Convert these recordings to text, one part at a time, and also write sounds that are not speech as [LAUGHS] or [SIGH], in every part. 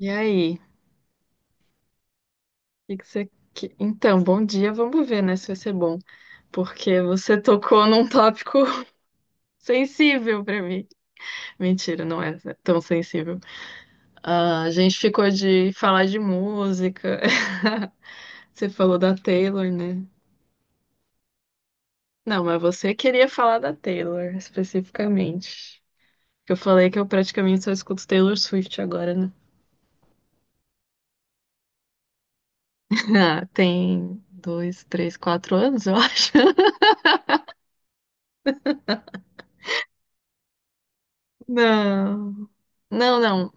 E aí? Que que você... Então, bom dia, vamos ver, né, se vai ser bom. Porque você tocou num tópico [LAUGHS] sensível pra mim. Mentira, não é tão sensível. Ah, a gente ficou de falar de música. [LAUGHS] Você falou da Taylor, né? Não, mas você queria falar da Taylor, especificamente. Eu falei que eu praticamente só escuto Taylor Swift agora, né? [LAUGHS] Ah, tem dois, três, quatro anos, eu [LAUGHS] acho. Não, não, não.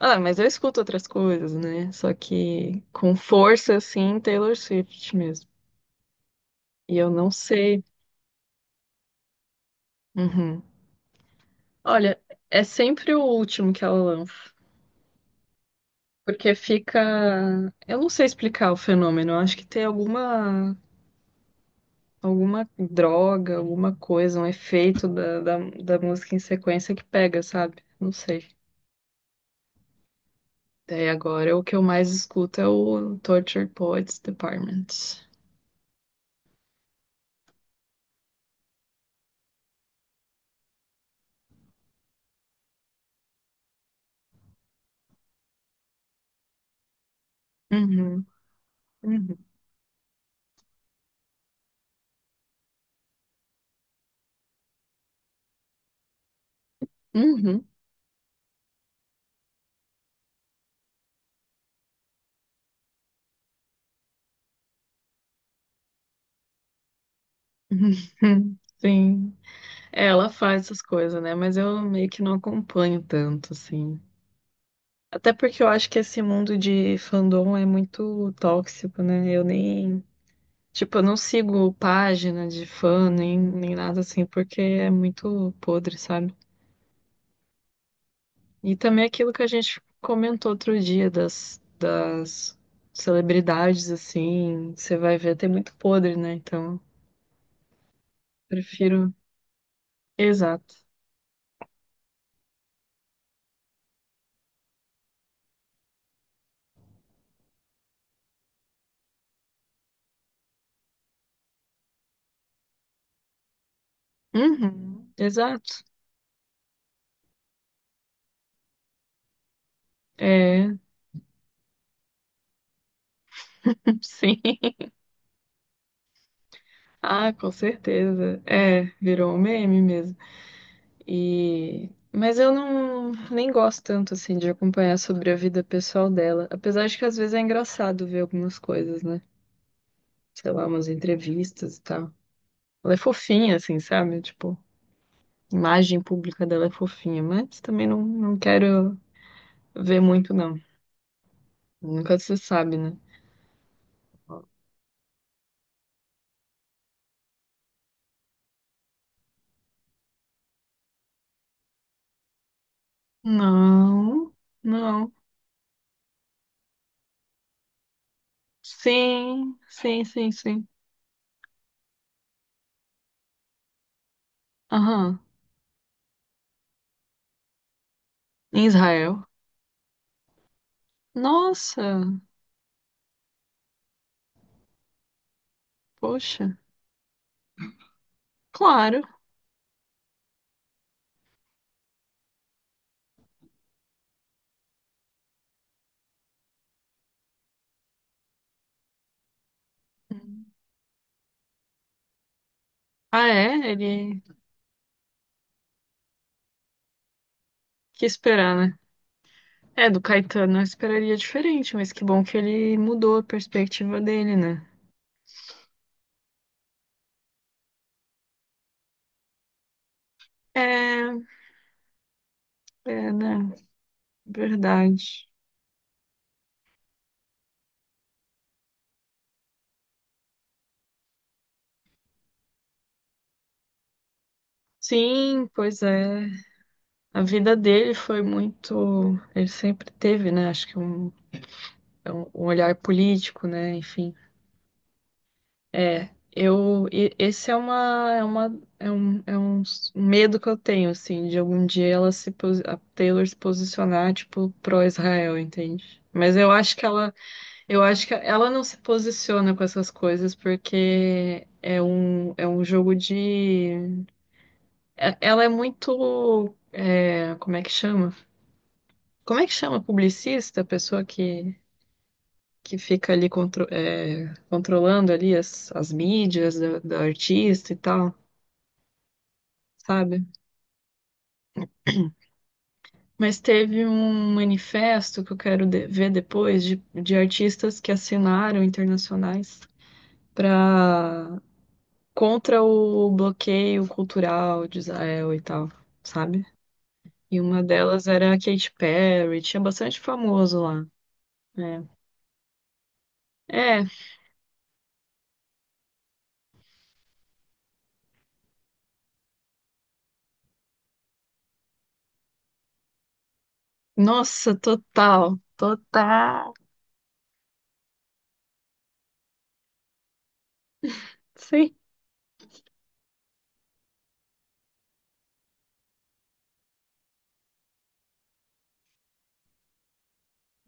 Ah, mas eu escuto outras coisas, né? Só que com força, assim, Taylor Swift mesmo. E eu não sei. Uhum. Olha, é sempre o último que ela lança. Porque fica. Eu não sei explicar o fenômeno. Eu acho que tem alguma. Alguma droga, alguma coisa, um efeito da música em sequência que pega, sabe? Não sei. Daí agora o que eu mais escuto é o Tortured Poets Department. Uhum, uhum, uhum. [LAUGHS] Sim, é, ela faz essas coisas, né? Mas eu meio que não acompanho tanto, assim. Até porque eu acho que esse mundo de fandom é muito tóxico, né? Eu nem. Tipo, eu não sigo página de fã, nem nada assim, porque é muito podre, sabe? E também aquilo que a gente comentou outro dia das celebridades, assim, você vai ver, tem muito podre, né? Então, prefiro. Exato. Uhum, exato. É, sim, [LAUGHS] ah, com certeza. É, virou um meme mesmo. E mas eu não nem gosto tanto assim de acompanhar sobre a vida pessoal dela, apesar de que às vezes é engraçado ver algumas coisas, né? Sei lá, umas entrevistas e tal. Ela é fofinha assim, sabe? Tipo, a imagem pública dela é fofinha, mas também não, não quero ver muito não. Nunca se sabe, né? Não. Não. Sim, sim, sim, sim. Aham. Em Israel. Nossa! Poxa, claro. Ah, é? Ele que esperar, né? É, do Caetano eu esperaria diferente, mas que bom que ele mudou a perspectiva dele, né? É, é, né? Verdade. Sim, pois é. A vida dele foi muito. Ele sempre teve, né? Acho que é um olhar político, né? Enfim. É, esse é um medo que eu tenho, assim, de algum dia ela se, posi- a Taylor se posicionar, tipo, pró-Israel, entende? Mas eu acho que ela não se posiciona com essas coisas porque ela é muito, é, como é que chama? Como é que chama? Publicista, a pessoa que fica ali controlando ali as mídias da artista e tal. Sabe? Mas teve um manifesto que eu quero ver depois de artistas que assinaram internacionais para contra o bloqueio cultural de Israel e tal, sabe? E uma delas era a Katy Perry, tinha bastante famoso lá. É, nossa, total, total, sim.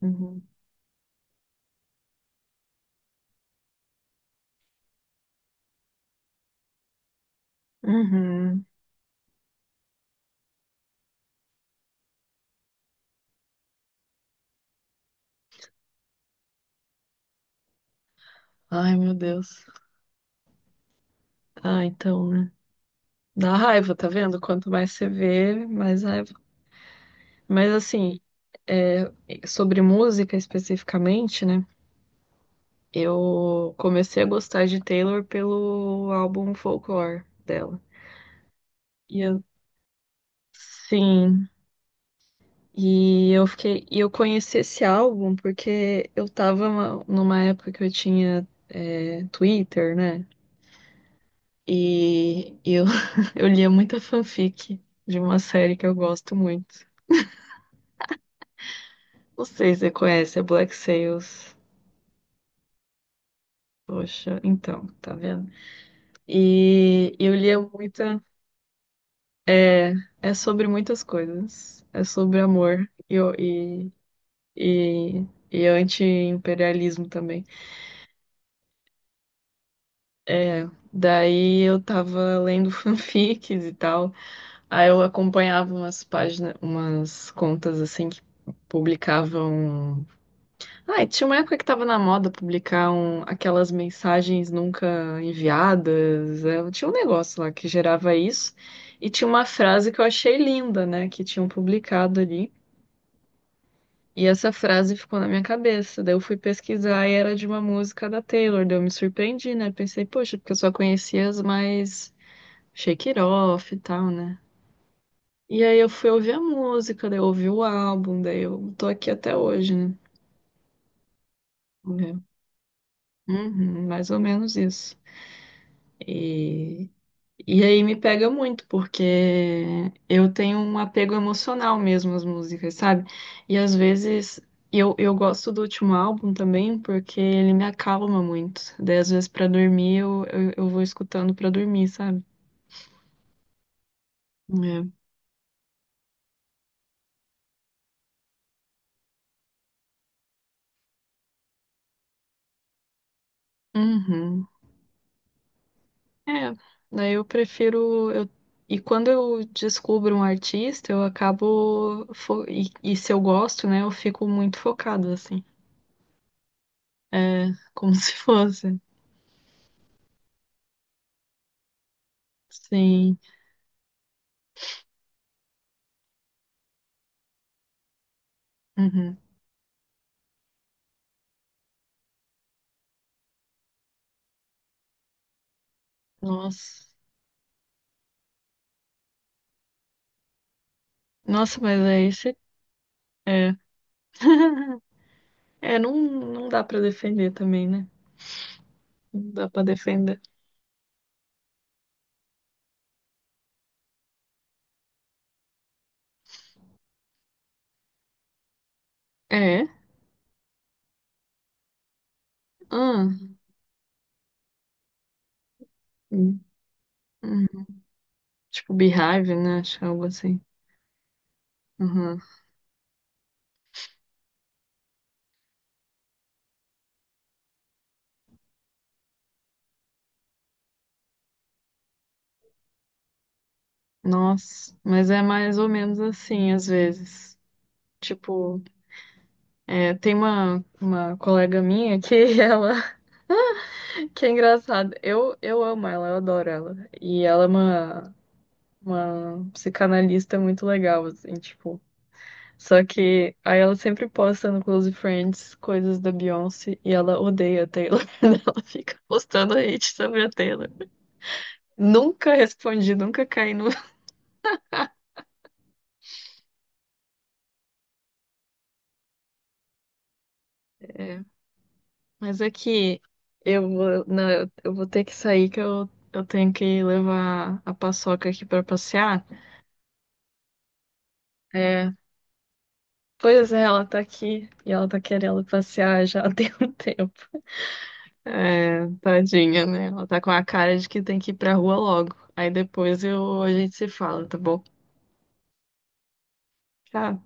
Uhum. Uhum. Ai, meu Deus. Ah, então, né? Dá raiva, tá vendo? Quanto mais você vê, mais raiva. Mas assim, é, sobre música especificamente, né? Eu comecei a gostar de Taylor pelo álbum Folklore dela. E eu, sim, e eu conheci esse álbum porque eu tava numa época que eu tinha Twitter, né? E eu, [LAUGHS] eu lia muita fanfic de uma série que eu gosto muito. Não sei se você conhece, é Black Sails. Poxa, então, tá vendo? E eu lia muita. É, é sobre muitas coisas. É sobre amor e, e, e anti-imperialismo também. É, daí eu tava lendo [LAUGHS] fanfics e tal. Aí eu acompanhava umas páginas, umas contas assim que publicavam. Ah, e tinha uma época que tava na moda publicar aquelas mensagens nunca enviadas. Tinha um negócio lá que gerava isso. E tinha uma frase que eu achei linda, né? Que tinham publicado ali. E essa frase ficou na minha cabeça. Daí eu fui pesquisar e era de uma música da Taylor. Daí eu me surpreendi, né? Pensei, poxa, porque eu só conhecia as mais Shake It Off e tal, né? E aí eu fui ouvir a música, daí eu ouvi o álbum, daí eu tô aqui até hoje, né? É. Uhum, mais ou menos isso. E, e aí me pega muito, porque eu tenho um apego emocional mesmo às músicas, sabe? E às vezes eu gosto do último álbum também, porque ele me acalma muito. Daí às vezes pra dormir eu vou escutando pra dormir, sabe? É. Uhum. É, daí eu prefiro. Eu... E quando eu descubro um artista, eu acabo. E se eu gosto, né, eu fico muito focada, assim. É, como [LAUGHS] se fosse. Sim. Uhum. Nossa. Nossa, mas é esse. É, é não, não dá pra defender também, né? Não dá pra defender. É? Ah, hum, hum. Tipo Beehive, né? Acho que é algo assim. Uhum. Nossa, mas é mais ou menos assim, às vezes. Tipo, tem uma colega minha que [LAUGHS] ela. Que é engraçado. Eu amo ela, eu adoro ela. E ela é uma psicanalista muito legal, assim, tipo. Só que aí ela sempre posta no Close Friends coisas da Beyoncé e ela odeia a Taylor. [LAUGHS] Ela fica postando hate sobre a Taylor. Nunca respondi, nunca caí no. É, mas é que eu vou, não, eu vou ter que sair que eu tenho que levar a Paçoca aqui pra passear. É, pois é, ela tá aqui e ela tá querendo passear já [LAUGHS] tem um tempo. É, tadinha, né? Ela tá com a cara de que tem que ir pra rua logo. Aí depois a gente se fala, tá bom? Tchau.